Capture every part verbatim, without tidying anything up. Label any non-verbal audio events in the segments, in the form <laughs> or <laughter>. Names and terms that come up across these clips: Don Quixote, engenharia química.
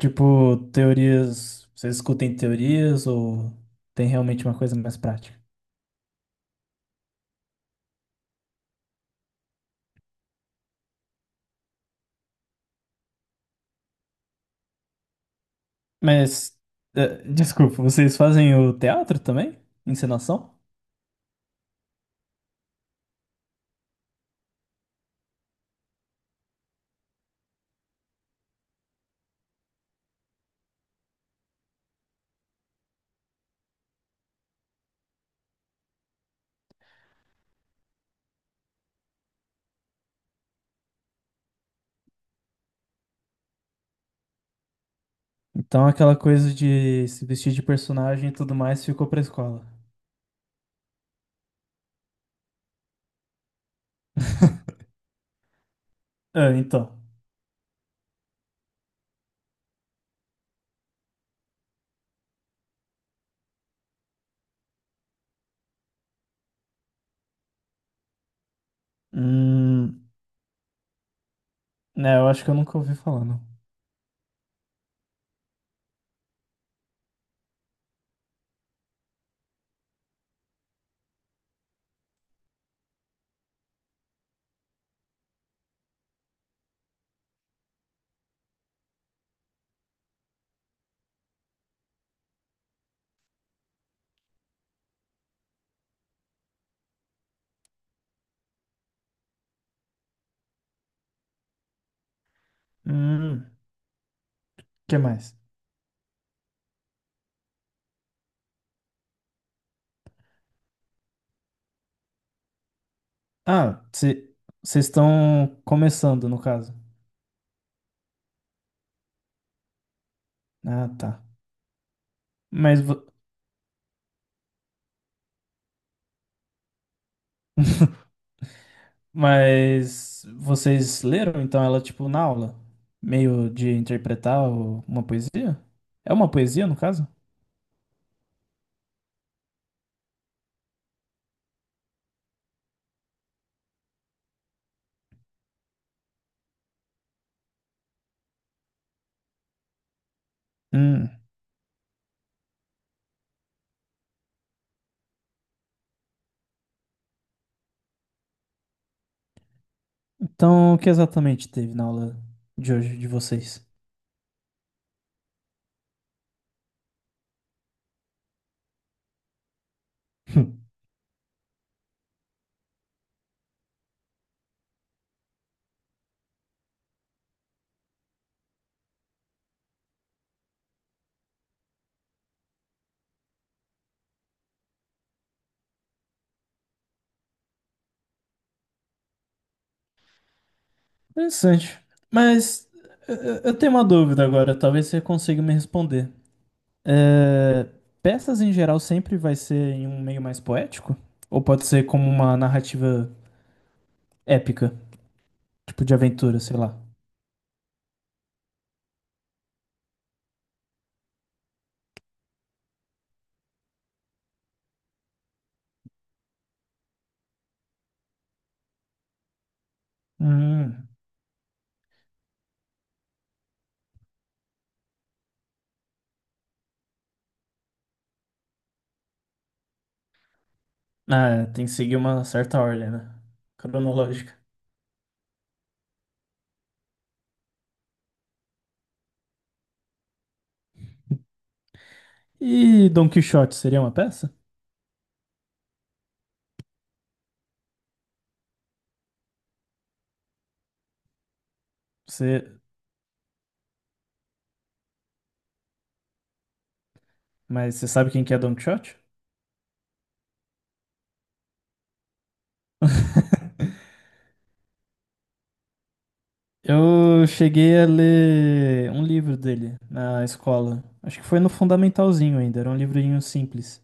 Tipo, teorias. Vocês escutem teorias ou tem realmente uma coisa mais prática? Mas, eh, desculpa, vocês fazem o teatro também? Encenação? Então aquela coisa de se vestir de personagem e tudo mais ficou pra escola. <laughs> Ah, então. Hum, né, eu acho que eu nunca ouvi falar, não. Hum, que mais? Ah, vocês estão começando, no caso. Ah, tá. Mas. vo- <laughs> Mas vocês leram então ela tipo na aula? Meio de interpretar o- uma poesia? É uma poesia no caso? Hum. Então o que exatamente teve na aula de hoje de vocês? Hum. Interessante. Mas eu eu- eu tenho uma dúvida agora, talvez você consiga me responder. É, peças em geral sempre vai ser em um meio mais poético? Ou pode ser como uma narrativa épica, tipo de aventura, sei lá? Hum. Ah, tem que seguir uma certa ordem, né? Cronológica. E Don Quixote seria uma peça? Você... Mas você sabe quem que é Don Quixote? Eu cheguei a ler um livro dele na escola. Acho que foi no fundamentalzinho ainda, era um livrinho simples.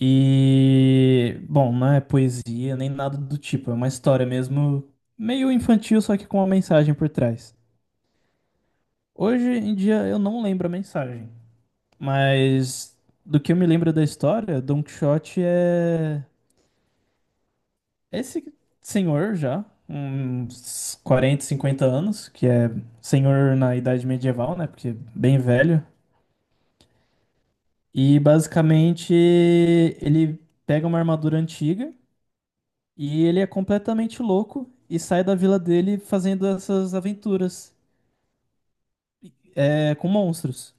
E, bom, não é poesia nem nada do tipo, é uma história mesmo meio infantil, só que com uma mensagem por trás. Hoje em dia eu não lembro a mensagem. Mas do que eu me lembro da história, Don Quixote é esse senhor já, uns quarenta, cinquenta anos, que é senhor na idade medieval, né? Porque é bem velho. E basicamente ele pega uma armadura antiga e ele é completamente louco e sai da vila dele fazendo essas aventuras é, com monstros.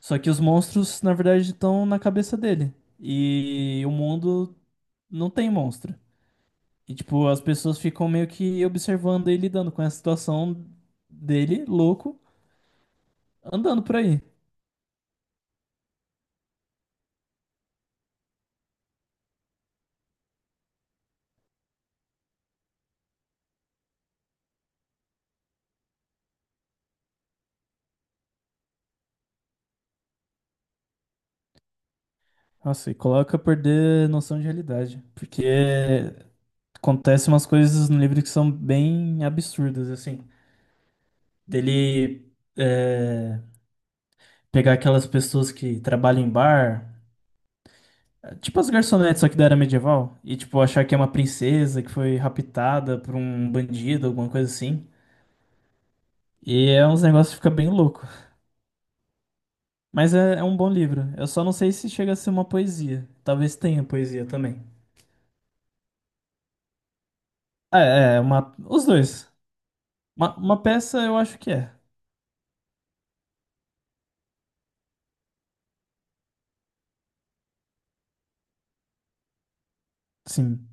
Só que os monstros, na verdade, estão na cabeça dele. E o mundo não tem monstro. E, tipo, as pessoas ficam meio que observando ele lidando com essa situação dele, louco, andando por aí. Nossa, e coloca a perder noção de realidade. Porque acontecem umas coisas no livro que são bem absurdas, assim. Dele é, pegar aquelas pessoas que trabalham em bar, tipo as garçonetes, só que da era medieval, e, tipo, achar que é uma princesa que foi raptada por um bandido, alguma coisa assim. E é uns negócios que fica bem louco. Mas é, é um bom livro. Eu só não sei se chega a ser uma poesia. Talvez tenha poesia também. Ah, é. É uma, os dois. Uma, uma peça eu acho que é. Sim.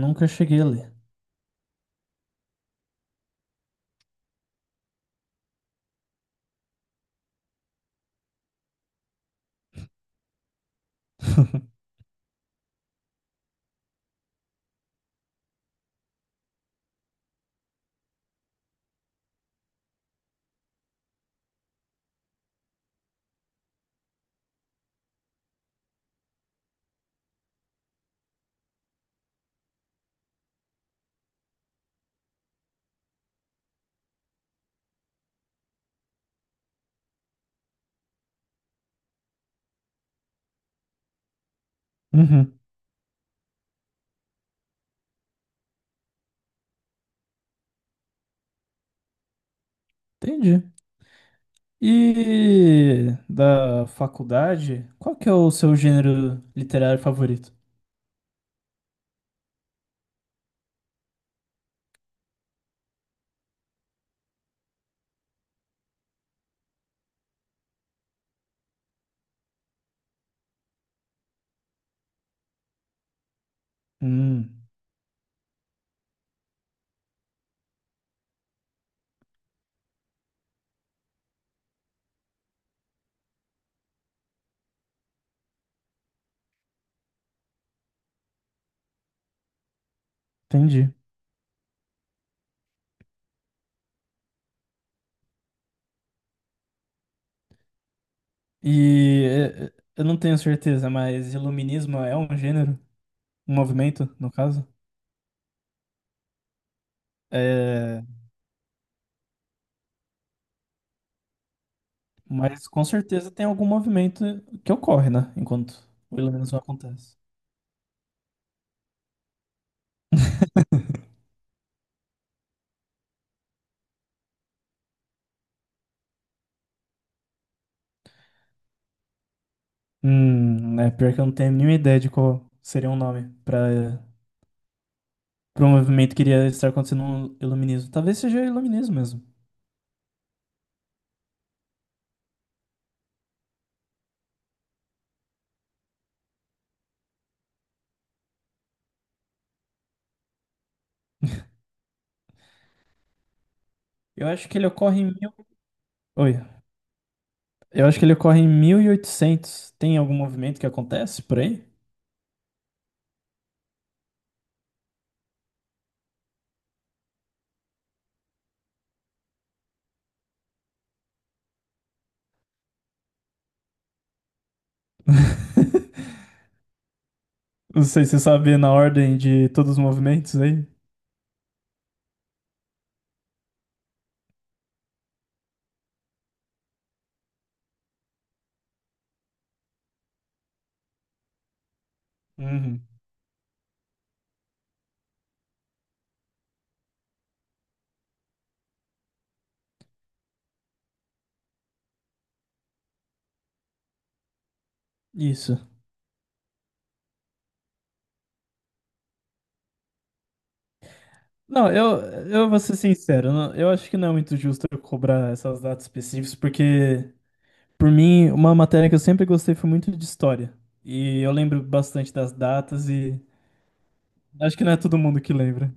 Nunca cheguei a ler. <laughs> Uhum. Entendi. E da faculdade, qual que é o seu gênero literário favorito? Hum, Entendi. E é, é, eu não tenho certeza, mas iluminismo é um gênero? Um movimento, no caso? É. Mas com certeza tem algum movimento que ocorre, né? Enquanto o Illuminus acontece. Hum, é pior que eu não tenho nenhuma ideia de qual seria um nome para para um movimento que iria estar acontecendo no iluminismo. Talvez seja iluminismo mesmo. Eu acho que ele ocorre em mil. Oi. Eu acho que ele ocorre em mil e oitocentos. Tem algum movimento que acontece por aí? <laughs> Não sei se você sabe na ordem de todos os movimentos aí. Uhum. Isso. Não, eu, eu vou ser sincero, não- eu acho que não é muito justo eu cobrar essas datas específicas, porque, por mim, uma matéria que eu sempre gostei foi muito de história. E eu lembro bastante das datas e acho que não é todo mundo que lembra.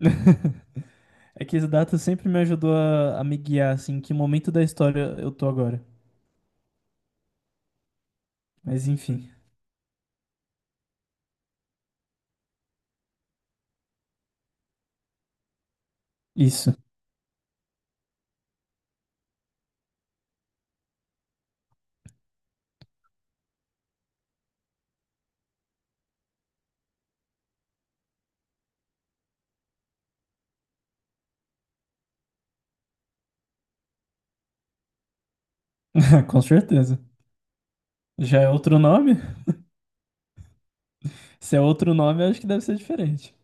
<laughs> É que as datas sempre me ajudou a, a me guiar, assim, em que momento da história eu tô agora. Mas enfim. Isso. <laughs> Com certeza. Já é outro nome? Se é outro nome, eu acho que deve ser diferente.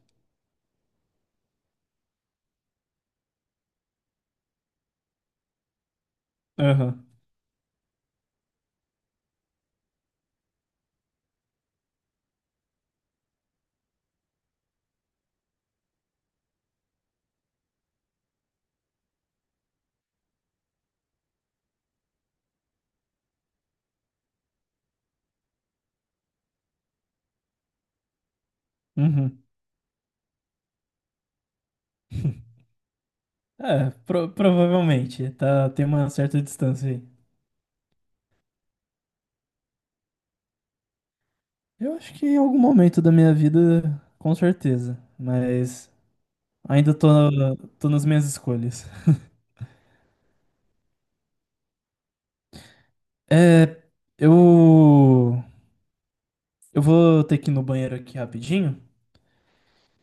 Aham. Uhum. <laughs> É, pro- provavelmente. Tá, tem uma certa distância aí. Eu acho que em algum momento da minha vida, com certeza. Mas ainda tô, tô nas minhas escolhas. <laughs> É, eu. Eu vou ter que ir no banheiro aqui rapidinho.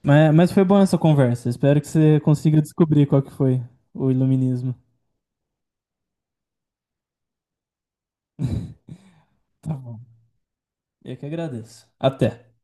Mas, mas foi bom essa conversa. Espero que você consiga descobrir qual que foi o iluminismo. Tá bom. Eu que agradeço. Até.